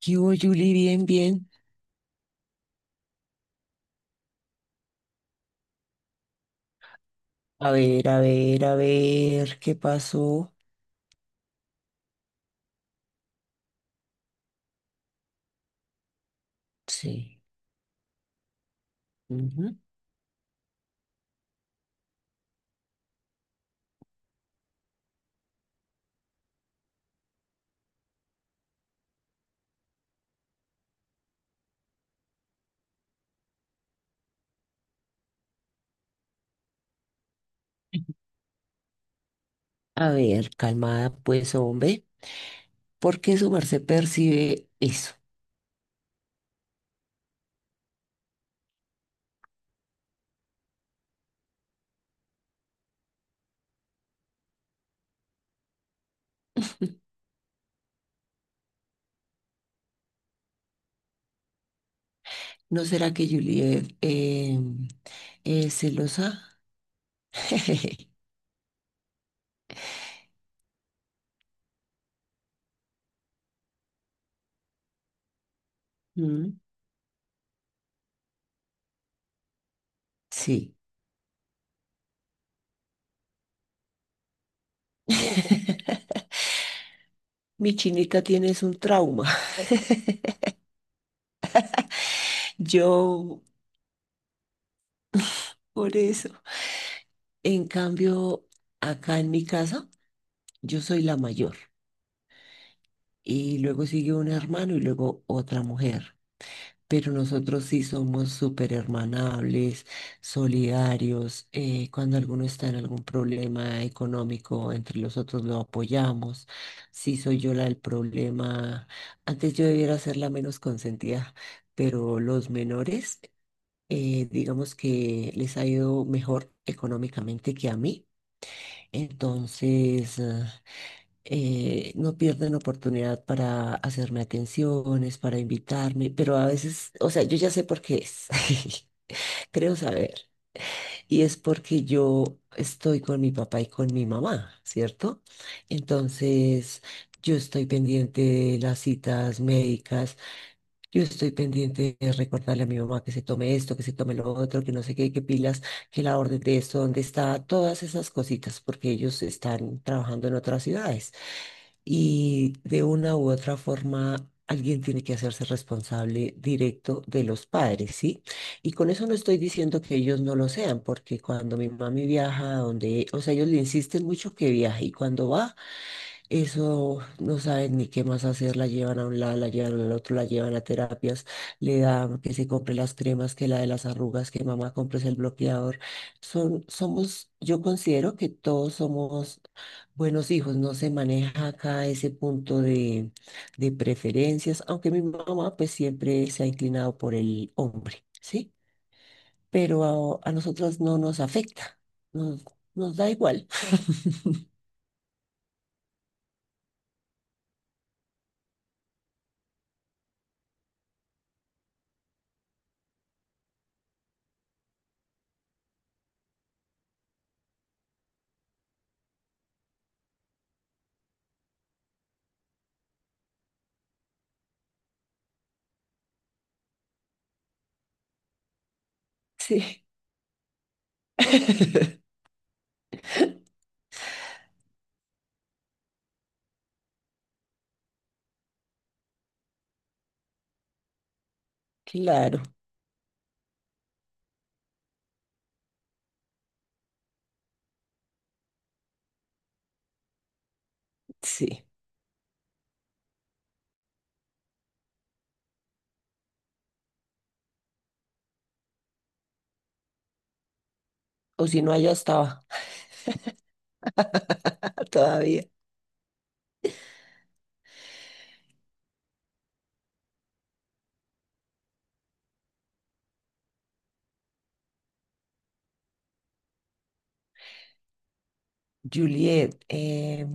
¿Qué hubo, Julie? Bien, bien. A ver, a ver, a ver, ¿qué pasó? Sí. Ujú. A ver, calmada, pues, hombre. ¿Por qué su merced percibe eso? ¿No será que Julie es celosa? Mm. Sí. Mi chinita tienes un trauma. Yo, por eso. En cambio, acá en mi casa, yo soy la mayor. Y luego sigue un hermano y luego otra mujer. Pero nosotros sí somos súper hermanables, solidarios. Cuando alguno está en algún problema económico, entre los otros lo apoyamos. Sí soy yo la del problema, antes yo debiera ser la menos consentida, pero los menores, digamos que les ha ido mejor económicamente que a mí. Entonces, no pierden oportunidad para hacerme atenciones, para invitarme, pero a veces, o sea, yo ya sé por qué es, creo saber, y es porque yo estoy con mi papá y con mi mamá, ¿cierto? Entonces, yo estoy pendiente de las citas médicas, yo estoy pendiente de recordarle a mi mamá que se tome esto, que se tome lo otro, que no sé qué, que pilas, que la orden de esto, dónde está, todas esas cositas, porque ellos están trabajando en otras ciudades. Y de una u otra forma, alguien tiene que hacerse responsable directo de los padres, ¿sí? Y con eso no estoy diciendo que ellos no lo sean, porque cuando mi mami viaja a donde, o sea, ellos le insisten mucho que viaje y cuando va eso no saben ni qué más hacer, la llevan a un lado, la llevan al otro, la llevan a terapias, le dan que se compre las cremas, que la de las arrugas, que mamá compres el bloqueador. Son, somos, yo considero que todos somos buenos hijos, no se maneja acá ese punto de preferencias, aunque mi mamá pues siempre se ha inclinado por el hombre, ¿sí? Pero a nosotras no nos afecta, nos, nos da igual. Sí. Claro, sí. O si no, allá estaba todavía. Juliet,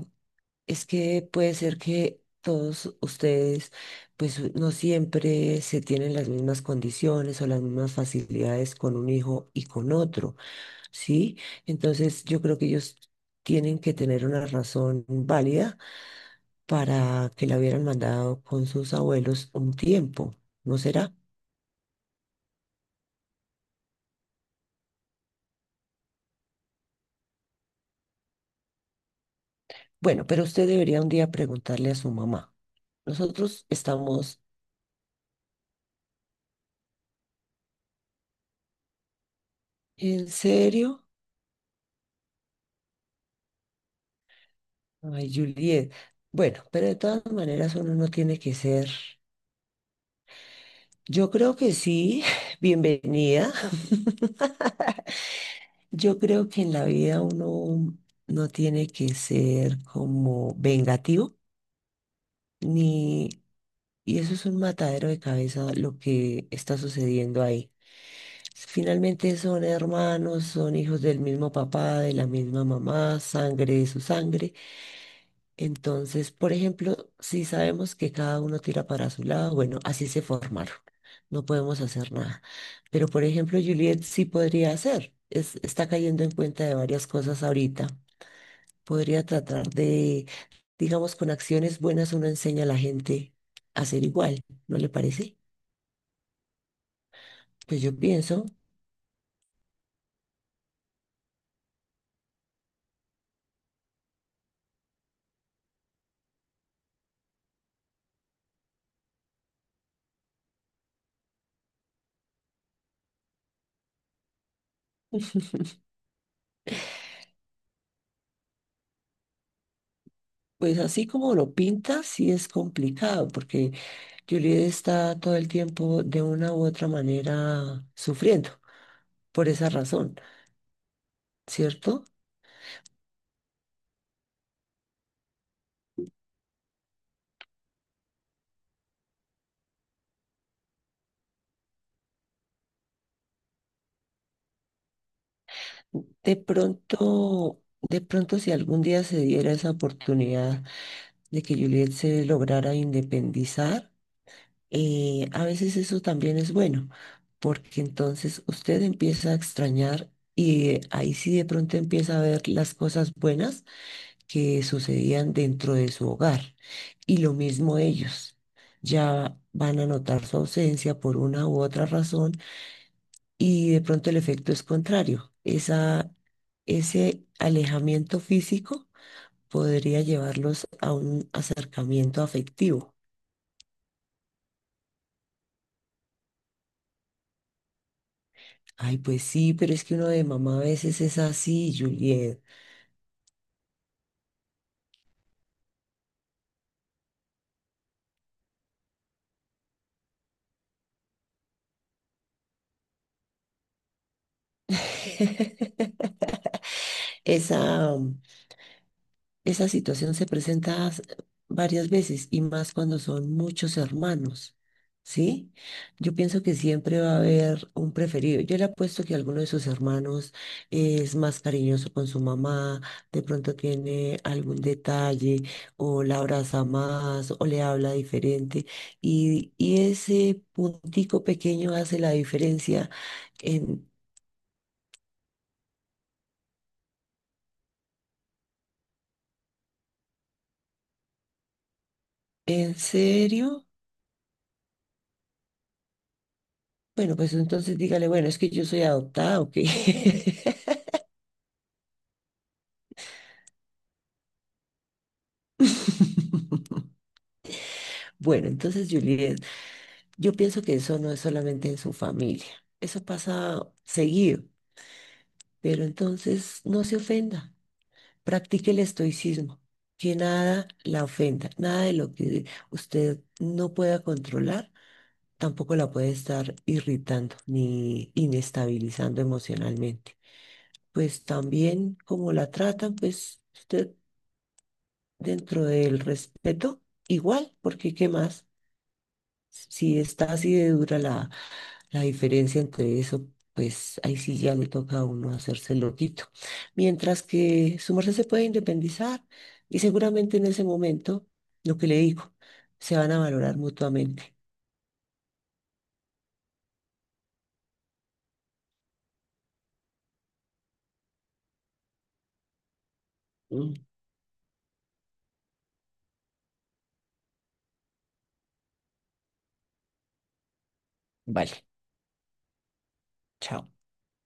es que puede ser que todos ustedes, pues no siempre se tienen las mismas condiciones o las mismas facilidades con un hijo y con otro, ¿sí? Entonces yo creo que ellos tienen que tener una razón válida para que la hubieran mandado con sus abuelos un tiempo, ¿no será? Bueno, pero usted debería un día preguntarle a su mamá. Nosotros estamos, ¿en serio? Ay, Juliet. Bueno, pero de todas maneras uno no tiene que ser. Yo creo que sí, bienvenida. Yo creo que en la vida uno no tiene que ser como vengativo, ni... Y eso es un matadero de cabeza lo que está sucediendo ahí. Finalmente son hermanos, son hijos del mismo papá, de la misma mamá, sangre de su sangre. Entonces, por ejemplo, si sabemos que cada uno tira para su lado, bueno, así se formaron. No podemos hacer nada. Pero, por ejemplo, Juliet sí podría hacer. Es, está cayendo en cuenta de varias cosas ahorita. Podría tratar de, digamos, con acciones buenas uno enseña a la gente a ser igual, ¿no le parece? Pues yo pienso, pues así como lo pinta, sí es complicado, porque Juliet está todo el tiempo de una u otra manera sufriendo por esa razón. ¿Cierto? De pronto si algún día se diera esa oportunidad de que Juliet se lograra independizar, a veces eso también es bueno, porque entonces usted empieza a extrañar y ahí sí de pronto empieza a ver las cosas buenas que sucedían dentro de su hogar. Y lo mismo ellos. Ya van a notar su ausencia por una u otra razón y de pronto el efecto es contrario. Esa, ese alejamiento físico podría llevarlos a un acercamiento afectivo. Ay, pues sí, pero es que uno de mamá a veces es así, Juliet. Esa, Esa situación se presenta varias veces y más cuando son muchos hermanos, ¿sí? Yo pienso que siempre va a haber un preferido. Yo le apuesto que alguno de sus hermanos es más cariñoso con su mamá, de pronto tiene algún detalle o la abraza más o le habla diferente y ese puntico pequeño hace la diferencia en, ¿en serio? Bueno, pues entonces dígale, bueno, es que yo soy adoptada, ¿o qué? Bueno, entonces, Juliet, yo pienso que eso no es solamente en su familia, eso pasa seguido, pero entonces no se ofenda, practique el estoicismo, que nada la ofenda, nada de lo que usted no pueda controlar, tampoco la puede estar irritando ni inestabilizando emocionalmente. Pues también como la tratan, pues usted dentro del respeto, igual, porque ¿qué más? Si está así de dura la diferencia entre eso, pues ahí sí ya le toca a uno hacerse el loquito. Mientras que su merced se puede independizar y seguramente en ese momento, lo que le digo, se van a valorar mutuamente. Mm. Vale, chao.